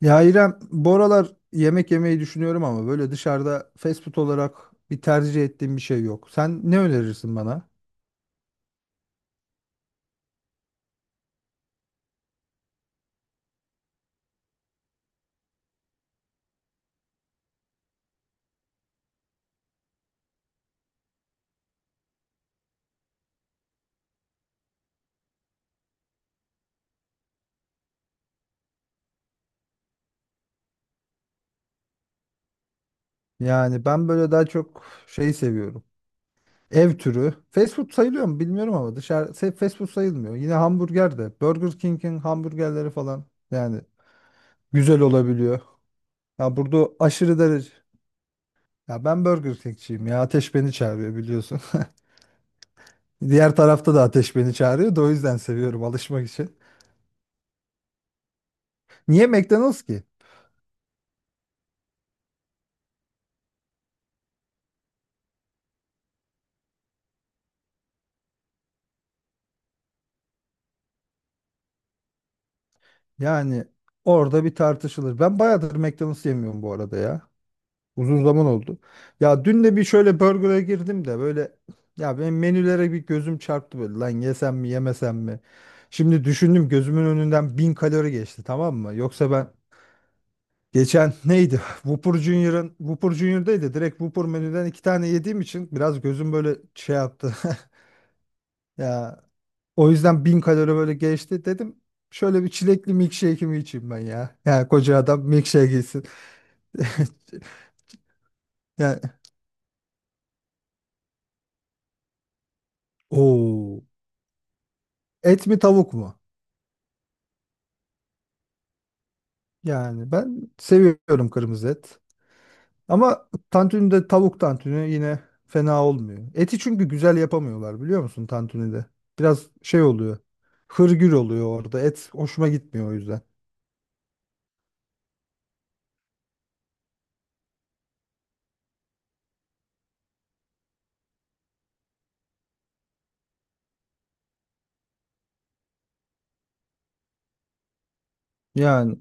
Ya İrem, bu aralar yemek yemeyi düşünüyorum ama böyle dışarıda fast food olarak bir tercih ettiğim bir şey yok. Sen ne önerirsin bana? Yani ben böyle daha çok şey seviyorum. Ev türü. Fast food sayılıyor mu bilmiyorum ama fast food sayılmıyor. Yine hamburger de. Burger King'in hamburgerleri falan yani güzel olabiliyor. Ya burada aşırı derece. Ya ben Burger King'ciyim ya. Ateş beni çağırıyor biliyorsun. Diğer tarafta da ateş beni çağırıyor da o yüzden seviyorum alışmak için. Niye McDonald's ki? Yani orada bir tartışılır. Ben bayağıdır McDonald's yemiyorum bu arada ya. Uzun zaman oldu. Ya dün de bir şöyle burger'a girdim de böyle ya benim menülere bir gözüm çarptı böyle lan yesem mi yemesem mi? Şimdi düşündüm gözümün önünden bin kalori geçti, tamam mı? Yoksa ben geçen neydi? Whopper Junior'daydı. Direkt Whopper menüden iki tane yediğim için biraz gözüm böyle şey yaptı. Ya o yüzden bin kalori böyle geçti dedim. Şöyle bir çilekli milkshake'imi içeyim ben ya. Yani koca adam milkshake gitsin. Yani o et mi tavuk mu? Yani ben seviyorum kırmızı et. Ama tantunide tavuk tantuni yine fena olmuyor. Eti çünkü güzel yapamıyorlar biliyor musun tantunide? Biraz şey oluyor. Hırgür oluyor orada. Et hoşuma gitmiyor o yüzden. Yani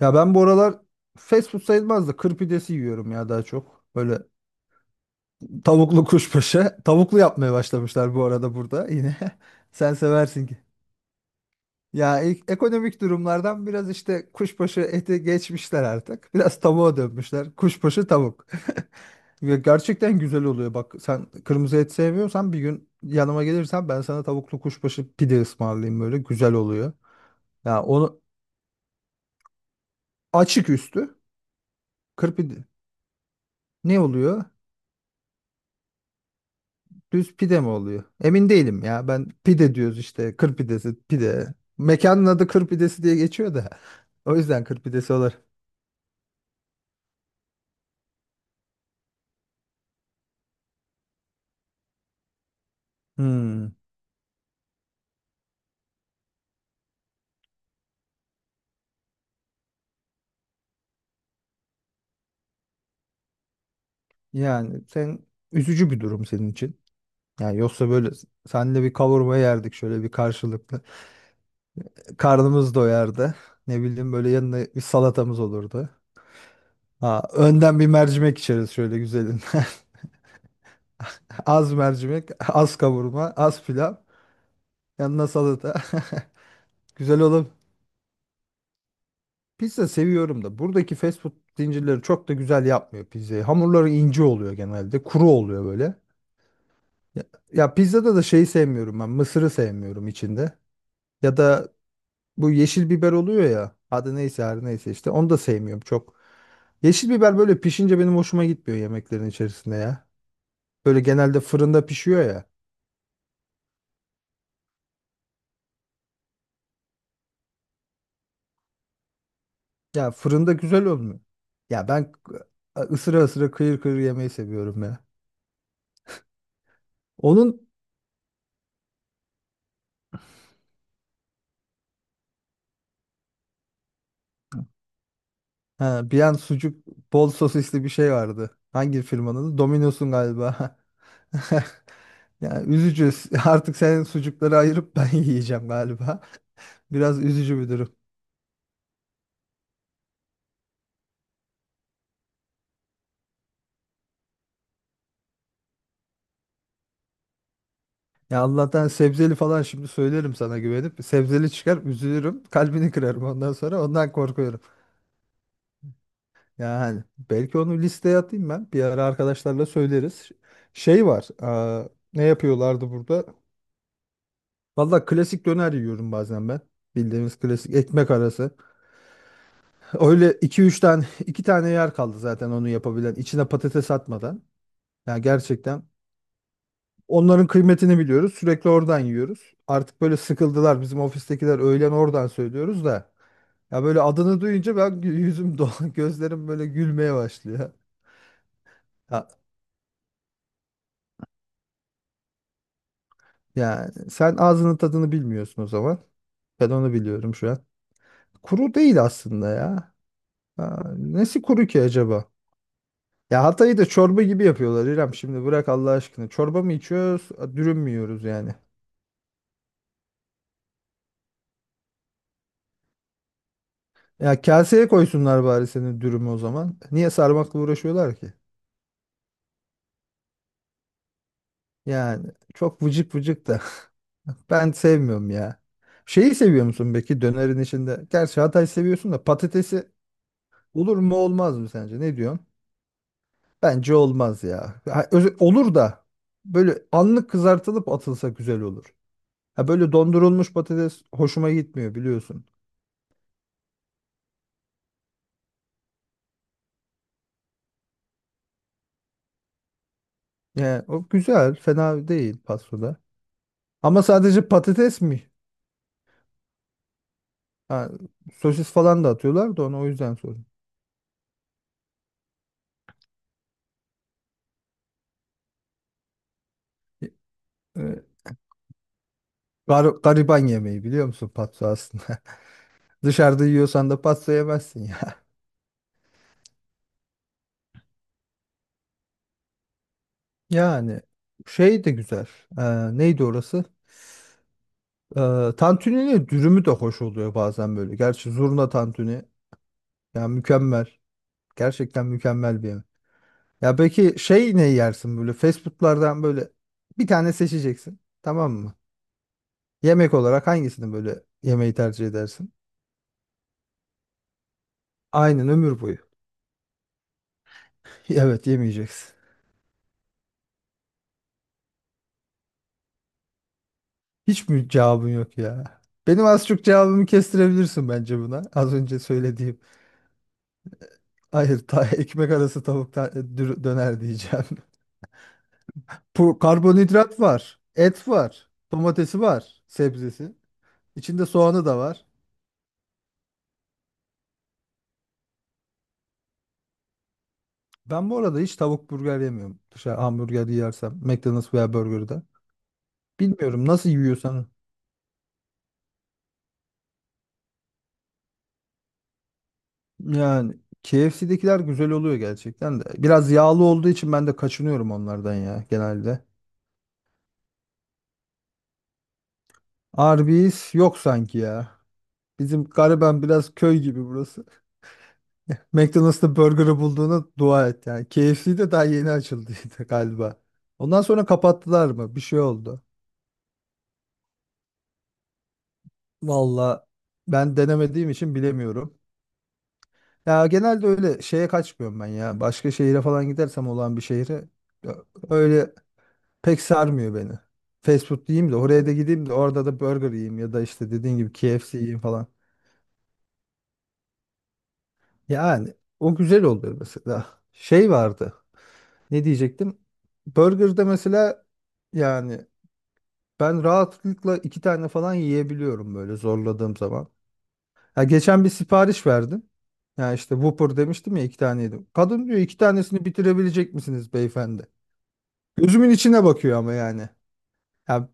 ya ben bu aralar fast food sayılmaz da kır pidesi yiyorum ya daha çok. Böyle tavuklu kuşbaşı. Tavuklu yapmaya başlamışlar bu arada burada yine. Sen seversin ki. Ya ilk ekonomik durumlardan biraz işte kuşbaşı eti geçmişler artık. Biraz tavuğa dönmüşler. Kuşbaşı tavuk. Ve gerçekten güzel oluyor. Bak sen kırmızı et sevmiyorsan bir gün yanıma gelirsen ben sana tavuklu kuşbaşı pide ısmarlayayım böyle. Güzel oluyor. Ya onu açık üstü. Kır pide. Ne oluyor? Düz pide mi oluyor? Emin değilim ya. Ben pide diyoruz işte. Kır pidesi, pide. Mekanın adı kır pidesi diye geçiyor da. O yüzden kır pidesi olur. Hmm. Yani sen, üzücü bir durum senin için. Yani yoksa böyle seninle bir kavurma yerdik şöyle bir karşılıklı. Karnımız doyardı. Ne bileyim böyle yanına bir salatamız olurdu. Ha, önden bir mercimek içeriz şöyle güzelin. Az mercimek, az kavurma, az pilav. Yanına salata. Güzel olur. Pizza seviyorum da buradaki fast food zincirleri çok da güzel yapmıyor pizzayı. Hamurları ince oluyor genelde. Kuru oluyor böyle. Ya, ya pizzada da şeyi sevmiyorum ben. Mısırı sevmiyorum içinde. Ya da bu yeşil biber oluyor ya. Adı neyse her neyse işte. Onu da sevmiyorum çok. Yeşil biber böyle pişince benim hoşuma gitmiyor yemeklerin içerisinde ya. Böyle genelde fırında pişiyor ya. Ya fırında güzel olmuyor. Ya ben ısıra ısıra kıyır kıyır yemeyi seviyorum ya. Onun Ha, bir an sucuk bol sosisli bir şey vardı. Hangi firmanın adı? Domino's'un galiba. Ya üzücü. Artık senin sucukları ayırıp ben yiyeceğim galiba. Biraz üzücü bir durum. Ya Allah'tan sebzeli falan şimdi söylerim sana güvenip. Sebzeli çıkar üzülürüm. Kalbini kırarım ondan sonra. Ondan korkuyorum. Yani belki onu listeye atayım ben. Bir ara arkadaşlarla söyleriz. Şey var. Ne yapıyorlardı burada? Valla klasik döner yiyorum bazen ben. Bildiğimiz klasik ekmek arası. Öyle iki, 3 tane, 2 tane yer kaldı zaten onu yapabilen. İçine patates atmadan. Yani gerçekten onların kıymetini biliyoruz. Sürekli oradan yiyoruz. Artık böyle sıkıldılar bizim ofistekiler, öğlen oradan söylüyoruz da. Ya böyle adını duyunca ben yüzüm dolan, gözlerim böyle gülmeye başlıyor. Ya, yani sen ağzının tadını bilmiyorsun o zaman. Ben onu biliyorum şu an. Kuru değil aslında ya. Ha, nesi kuru ki acaba? Ya Hatay'ı da çorba gibi yapıyorlar İrem. Şimdi bırak Allah aşkına. Çorba mı içiyoruz, dürüm mü yiyoruz yani? Ya kaseye koysunlar bari senin dürümü o zaman. Niye sarmakla uğraşıyorlar ki? Yani çok vıcık vıcık da. Ben sevmiyorum ya. Şeyi seviyor musun peki dönerin içinde? Gerçi Hatay seviyorsun da, patatesi olur mu olmaz mı sence? Ne diyorsun? Bence olmaz ya. Ha, olur da böyle anlık kızartılıp atılsa güzel olur. Ha böyle dondurulmuş patates hoşuma gitmiyor biliyorsun. Yani o güzel, fena değil pastoda. Ama sadece patates mi? Ha, sosis falan da atıyorlar da onu o yüzden sordum. E, e, gariban yemeği biliyor musun patso aslında? Dışarıda yiyorsan da patso yemezsin ya. Yani şey de güzel. E, neydi orası? E, tantuninin dürümü de hoş oluyor bazen böyle. Gerçi zurna tantuni yani mükemmel. Gerçekten mükemmel bir yemek. Ya peki şey ne yersin böyle fast foodlardan, böyle bir tane seçeceksin. Tamam mı? Yemek olarak hangisini böyle yemeği tercih edersin? Aynen, ömür boyu. Evet yemeyeceksin. Hiç mi cevabın yok ya? Benim az çok cevabımı kestirebilirsin bence buna. Az önce söylediğim. Hayır, ta ekmek arası tavuk döner diyeceğim. Bu karbonhidrat var, et var, domatesi var, sebzesi. İçinde soğanı da var. Ben bu arada hiç tavuk burger yemiyorum. Dışarı hamburger yersem, McDonald's veya burgerda. Bilmiyorum nasıl yiyorsan. Yani KFC'dekiler güzel oluyor gerçekten de. Biraz yağlı olduğu için ben de kaçınıyorum onlardan ya genelde. Arby's yok sanki ya. Bizim gariben biraz köy gibi burası. McDonald's'ta burger'ı bulduğuna dua et yani. KFC'de daha yeni açıldıydı galiba. Ondan sonra kapattılar mı? Bir şey oldu. Valla ben denemediğim için bilemiyorum. Ya genelde öyle şeye kaçmıyorum ben ya. Başka şehire falan gidersem, olan bir şehre ö- öyle pek sarmıyor beni. Fast food yiyeyim de oraya da gideyim de orada da burger yiyeyim ya da işte dediğin gibi KFC yiyeyim falan. Yani o güzel oluyor mesela. Şey vardı. Ne diyecektim? Burger'da mesela yani ben rahatlıkla iki tane falan yiyebiliyorum böyle zorladığım zaman. Ya geçen bir sipariş verdim. Ya işte Whopper demiştim ya, iki tane yedim. Kadın diyor, iki tanesini bitirebilecek misiniz beyefendi? Gözümün içine bakıyor ama yani. Ya,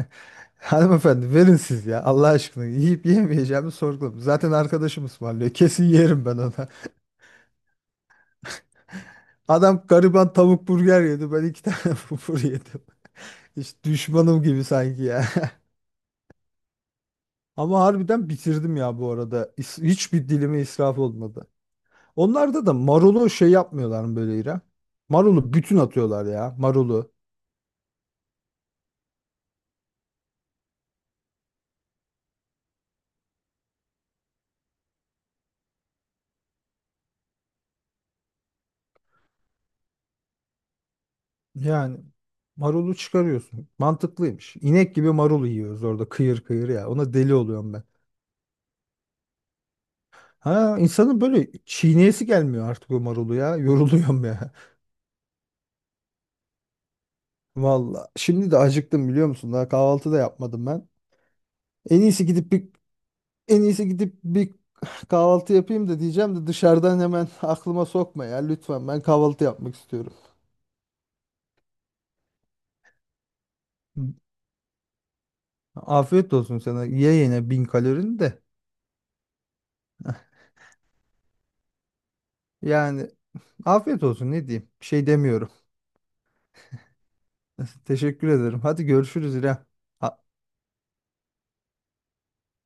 hanımefendi verin siz ya Allah aşkına, yiyip yemeyeceğimi sorguladım. Zaten arkadaşım ısmarlıyor, kesin yerim ben ona. Adam gariban tavuk burger yedi, ben iki tane fufur yedim. Hiç düşmanım gibi sanki ya. Ama harbiden bitirdim ya bu arada. Hiçbir dilimi israf olmadı. Onlarda da marulu şey yapmıyorlar mı böyle İrem? Marulu bütün atıyorlar ya marulu. Yani marulu çıkarıyorsun. Mantıklıymış. İnek gibi marulu yiyoruz orada kıyır kıyır ya. Ona deli oluyorum ben. Ha, insanın böyle çiğneyesi gelmiyor artık o marulu ya. Yoruluyorum ya. Valla. Şimdi de acıktım biliyor musun? Daha kahvaltı da yapmadım ben. En iyisi gidip bir en iyisi gidip bir kahvaltı yapayım da diyeceğim de dışarıdan hemen aklıma sokma ya lütfen. Ben kahvaltı yapmak istiyorum. Afiyet olsun sana. Ye yine bin kalorini de. Yani afiyet olsun ne diyeyim. Bir şey demiyorum. Teşekkür ederim. Hadi görüşürüz İrem. Ha-